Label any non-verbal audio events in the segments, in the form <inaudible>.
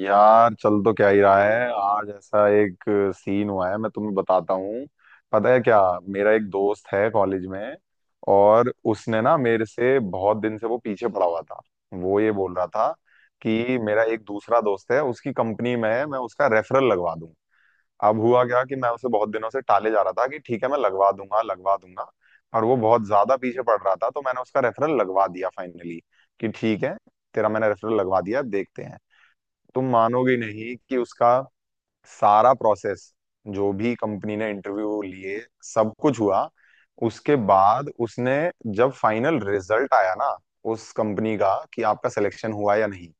यार चल तो क्या ही रहा है। आज ऐसा एक सीन हुआ है, मैं तुम्हें बताता हूँ। पता है क्या? मेरा एक दोस्त है कॉलेज में, और उसने ना मेरे से बहुत दिन से वो पीछे पड़ा हुआ था। वो ये बोल रहा था कि मेरा एक दूसरा दोस्त है उसकी कंपनी में है, मैं उसका रेफरल लगवा दूं। अब हुआ क्या कि मैं उसे बहुत दिनों से टाले जा रहा था कि ठीक है मैं लगवा दूंगा, लगवा दूंगा। और वो बहुत ज्यादा पीछे पड़ रहा था, तो मैंने उसका रेफरल लगवा दिया फाइनली, कि ठीक है तेरा मैंने रेफरल लगवा दिया, अब देखते हैं। तुम मानोगे नहीं कि उसका सारा प्रोसेस, जो भी कंपनी ने इंटरव्यू लिए, सब कुछ हुआ, उसके बाद उसने, जब फाइनल रिजल्ट आया ना उस कंपनी का कि आपका सिलेक्शन हुआ या नहीं,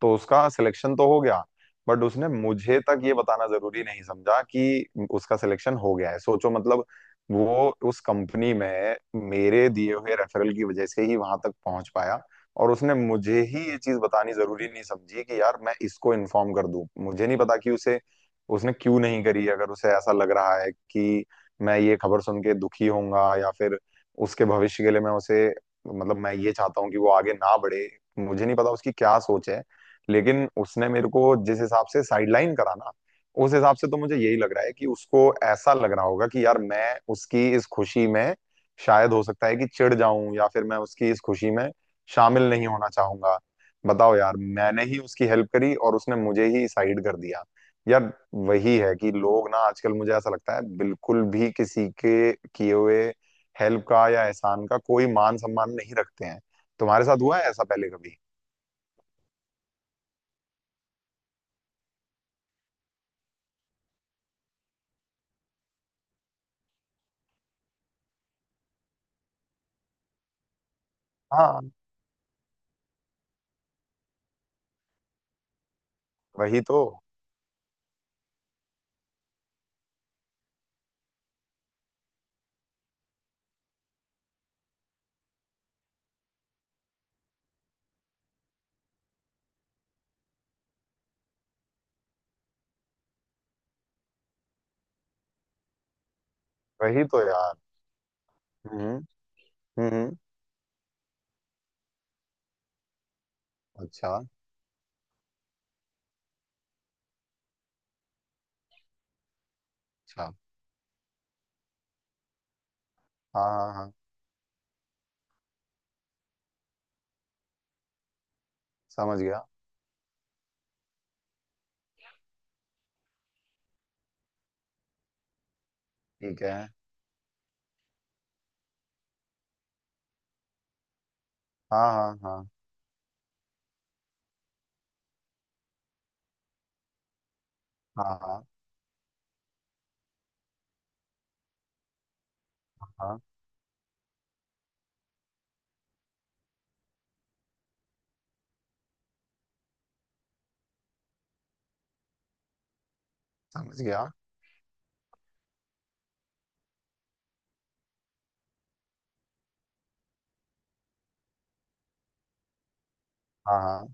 तो उसका सिलेक्शन तो हो गया। बट उसने मुझे तक ये बताना जरूरी नहीं समझा कि उसका सिलेक्शन हो गया है। सोचो मतलब, वो उस कंपनी में मेरे दिए हुए रेफरल की वजह से ही वहां तक पहुंच पाया, और उसने मुझे ही ये चीज बतानी जरूरी नहीं समझी कि यार मैं इसको इन्फॉर्म कर दूं। मुझे नहीं पता कि उसे, उसने क्यों नहीं करी। अगर उसे ऐसा लग रहा है कि मैं ये खबर सुन के दुखी होऊंगा, या फिर उसके भविष्य के लिए मैं उसे, मतलब मैं ये चाहता हूँ कि वो आगे ना बढ़े, मुझे नहीं पता उसकी क्या सोच है। लेकिन उसने मेरे को जिस हिसाब से साइडलाइन करा ना, उस हिसाब से तो मुझे यही लग रहा है कि उसको ऐसा लग रहा होगा कि यार मैं उसकी इस खुशी में शायद, हो सकता है कि चिढ़ जाऊं, या फिर मैं उसकी इस खुशी में शामिल नहीं होना चाहूंगा। बताओ यार, मैंने ही उसकी हेल्प करी और उसने मुझे ही साइड कर दिया। यार वही है कि लोग ना आजकल, मुझे ऐसा लगता है, बिल्कुल भी किसी के किए हुए हेल्प का या एहसान का कोई मान सम्मान नहीं रखते हैं। तुम्हारे साथ हुआ है ऐसा पहले कभी? हाँ। वही तो वही तो यार। हम्म, हम्म। अच्छा। अच्छा। हाँ, हाँ, हाँ। समझ गया। ठीक है। हाँ, हाँ, हाँ, हाँ। हाँ, हाँ। समझ गया। हाँ, हाँ।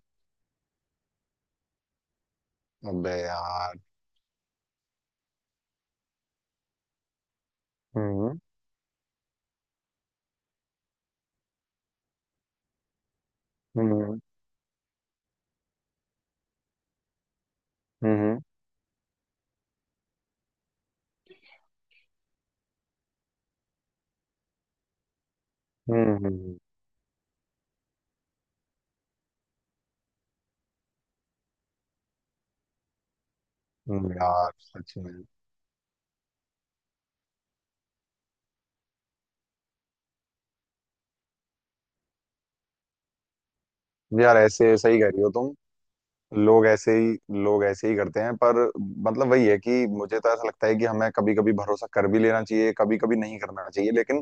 अबे यार। हम्म हम्म, हम्म। हम्म, हम्म। हम्म। यार सच में। यार ऐसे सही कह रही हो तुम। लोग ऐसे ही, लोग ऐसे ही करते हैं पर। मतलब वही है कि मुझे तो ऐसा लगता है कि हमें कभी कभी भरोसा कर भी लेना चाहिए, कभी कभी नहीं करना चाहिए। लेकिन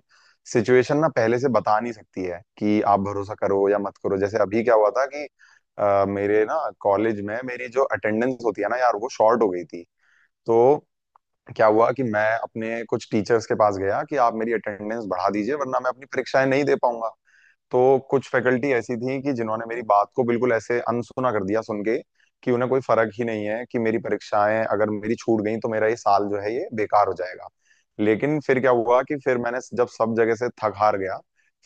सिचुएशन ना पहले से बता नहीं सकती है कि आप भरोसा करो या मत करो। जैसे अभी क्या हुआ था कि मेरे ना कॉलेज में मेरी जो अटेंडेंस होती है ना यार, वो शॉर्ट हो गई थी। तो क्या हुआ कि मैं अपने कुछ टीचर्स के पास गया कि आप मेरी अटेंडेंस बढ़ा दीजिए, वरना मैं अपनी परीक्षाएं नहीं दे पाऊंगा। तो कुछ फैकल्टी ऐसी थी कि जिन्होंने मेरी बात को बिल्कुल ऐसे अनसुना कर दिया सुन के, कि उन्हें कोई फर्क ही नहीं है कि मेरी परीक्षाएं अगर मेरी छूट गई तो मेरा ये साल जो है ये बेकार हो जाएगा। लेकिन फिर क्या हुआ कि फिर मैंने जब सब जगह से थक हार गया,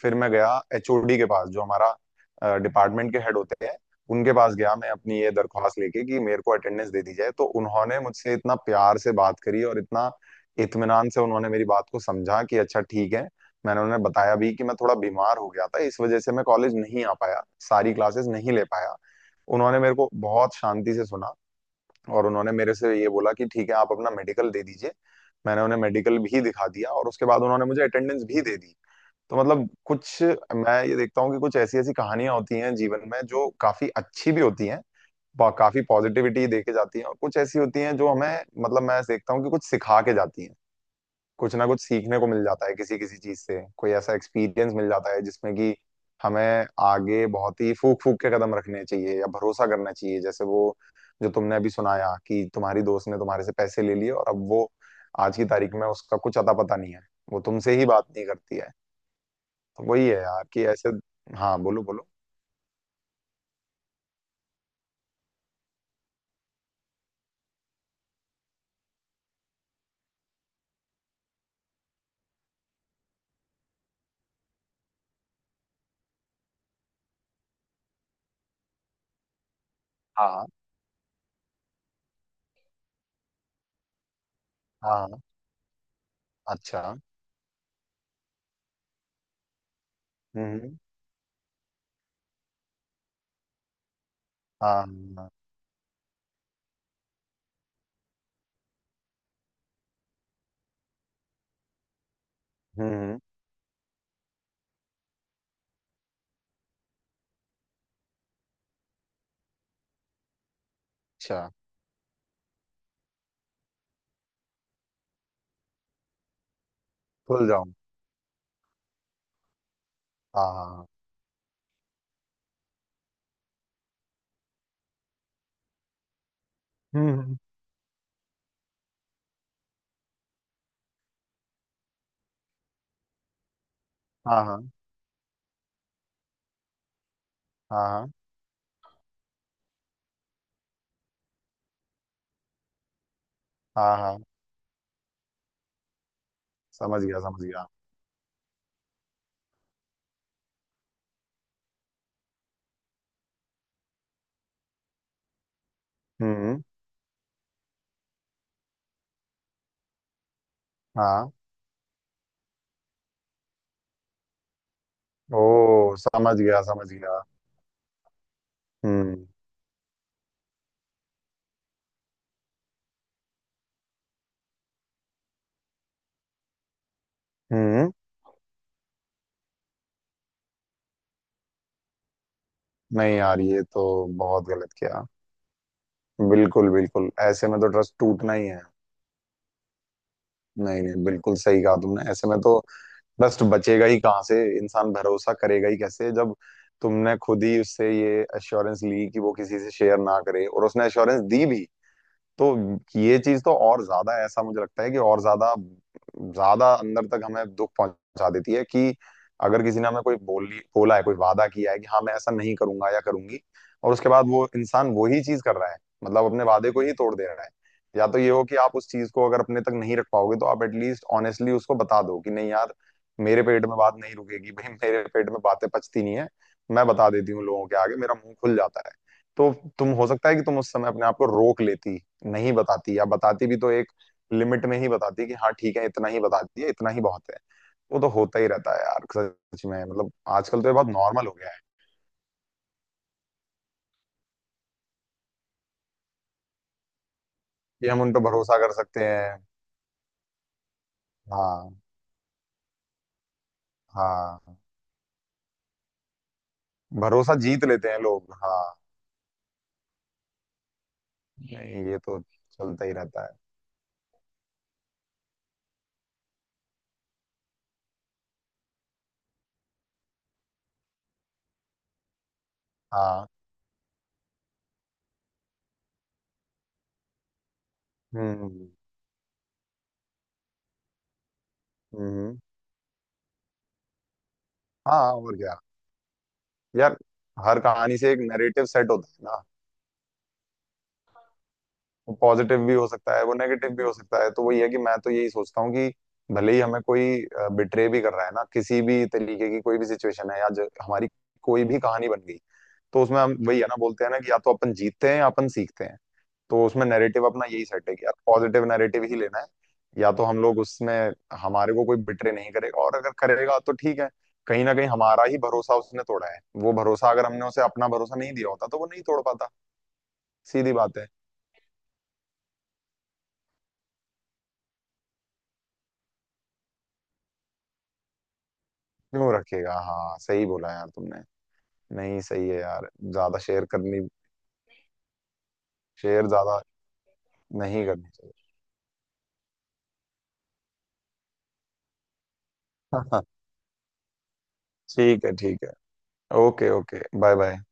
फिर मैं गया एचओडी के पास, जो हमारा डिपार्टमेंट के हेड होते हैं, उनके पास गया मैं अपनी ये दरख्वास्त लेके कि मेरे को अटेंडेंस दे दी जाए। तो उन्होंने मुझसे इतना प्यार से बात करी, और इतना इत्मीनान से उन्होंने मेरी बात को समझा कि अच्छा ठीक है। मैंने उन्हें बताया भी कि मैं थोड़ा बीमार हो गया था, इस वजह से मैं कॉलेज नहीं आ पाया, सारी क्लासेस नहीं ले पाया। उन्होंने मेरे को बहुत शांति से सुना, और उन्होंने मेरे से ये बोला कि ठीक है आप अपना मेडिकल दे दीजिए। मैंने उन्हें मेडिकल भी दिखा दिया, और उसके बाद उन्होंने मुझे अटेंडेंस भी दे दी। तो मतलब कुछ, मैं ये देखता हूँ कि कुछ ऐसी ऐसी कहानियां होती हैं जीवन में जो काफी अच्छी भी होती हैं, काफी पॉजिटिविटी दे के जाती हैं। और कुछ ऐसी होती हैं जो हमें, मतलब मैं देखता हूँ कि कुछ सिखा के जाती हैं। कुछ ना कुछ सीखने को मिल जाता है, किसी किसी चीज से कोई ऐसा एक्सपीरियंस मिल जाता है जिसमें कि हमें आगे बहुत ही फूक फूक के कदम रखने चाहिए, या भरोसा करना चाहिए। जैसे वो जो तुमने अभी सुनाया कि तुम्हारी दोस्त ने तुम्हारे से पैसे ले लिए, और अब वो आज की तारीख में उसका कुछ अता पता नहीं है, वो तुमसे ही बात नहीं करती है। तो वही है यार कि ऐसे। हाँ, बोलो बोलो। हाँ, हाँ। अच्छा। हम्म, हम्म। हाँ, हाँ। हम्म, अच्छा। खुल जाऊं। हाँ, हाँ। हम्म। हाँ, हाँ, हाँ, हाँ। हाँ, हाँ, हाँ। समझ गया, समझ गया। हम्म। हाँ। ओ, समझ गया, समझ गया। हम्म, हम्म। नहीं यार, ये तो बहुत गलत किया। बिल्कुल, बिल्कुल, ऐसे में तो ट्रस्ट टूटना ही है। नहीं, नहीं, बिल्कुल सही कहा तुमने। ऐसे में तो ट्रस्ट बचेगा ही कहाँ से? इंसान भरोसा करेगा ही कैसे, जब तुमने खुद ही उससे ये एश्योरेंस ली कि वो किसी से शेयर ना करे, और उसने एश्योरेंस दी भी। तो ये चीज तो और ज्यादा, ऐसा मुझे लगता है कि और ज्यादा, ज्यादा अंदर तक हमें दुख पहुंचा देती है, कि अगर किसी ने हमें कोई बोली बोला है, कोई वादा किया है कि हाँ मैं ऐसा नहीं करूंगा या करूंगी, और उसके बाद वो इंसान वही चीज कर रहा है, मतलब अपने वादे को ही तोड़ दे रहा है। या तो ये हो कि आप उस चीज को अगर अपने तक नहीं रख पाओगे तो आप एटलीस्ट ऑनेस्टली उसको बता दो कि नहीं यार, मेरे पेट में बात नहीं रुकेगी भाई, मेरे पेट में बातें पचती नहीं है, मैं बता देती हूँ, लोगों के आगे मेरा मुंह खुल जाता है। तो तुम, हो सकता है कि तुम उस समय अपने आप को रोक लेती, नहीं बताती, या बताती भी तो एक लिमिट में ही बताती है कि हाँ ठीक है, इतना ही बताती है, इतना ही बहुत है। वो तो होता ही रहता है यार, सच में, मतलब आजकल तो ये बहुत नॉर्मल हो गया है कि हम उन पर भरोसा कर सकते हैं। हाँ, हाँ। भरोसा जीत लेते हैं लोग, हाँ। नहीं, ये तो चलता ही रहता है। हाँ। हम्म, हम्म। हम्म। हाँ, और क्या। यार, हर कहानी से एक नैरेटिव सेट होता है ना। वो पॉजिटिव भी हो सकता है, वो नेगेटिव भी हो सकता है। तो वही है कि मैं तो यही सोचता हूँ कि भले ही हमें कोई बिट्रे भी कर रहा है ना, किसी भी तरीके की कोई भी सिचुएशन है, या जो हमारी कोई भी कहानी बन गई, तो उसमें हम वही है ना, बोलते हैं ना कि या तो अपन जीतते हैं या अपन सीखते हैं। तो उसमें नैरेटिव अपना यही सेट है कि यार, पॉजिटिव नैरेटिव ही लेना है। या तो हम लोग उसमें, हमारे को कोई बिट्रे नहीं करेगा, और अगर करेगा तो ठीक है, कहीं ना कहीं हमारा ही भरोसा उसने तोड़ा है। वो भरोसा अगर हमने उसे अपना भरोसा नहीं दिया होता तो वो नहीं तोड़ पाता। सीधी बात है। क्यों रखेगा? हाँ, सही बोला यार तुमने। नहीं, सही है यार, ज्यादा शेयर करनी, शेयर ज्यादा नहीं करनी चाहिए। <laughs> ठीक है, ठीक है। Okay, okay, bye bye.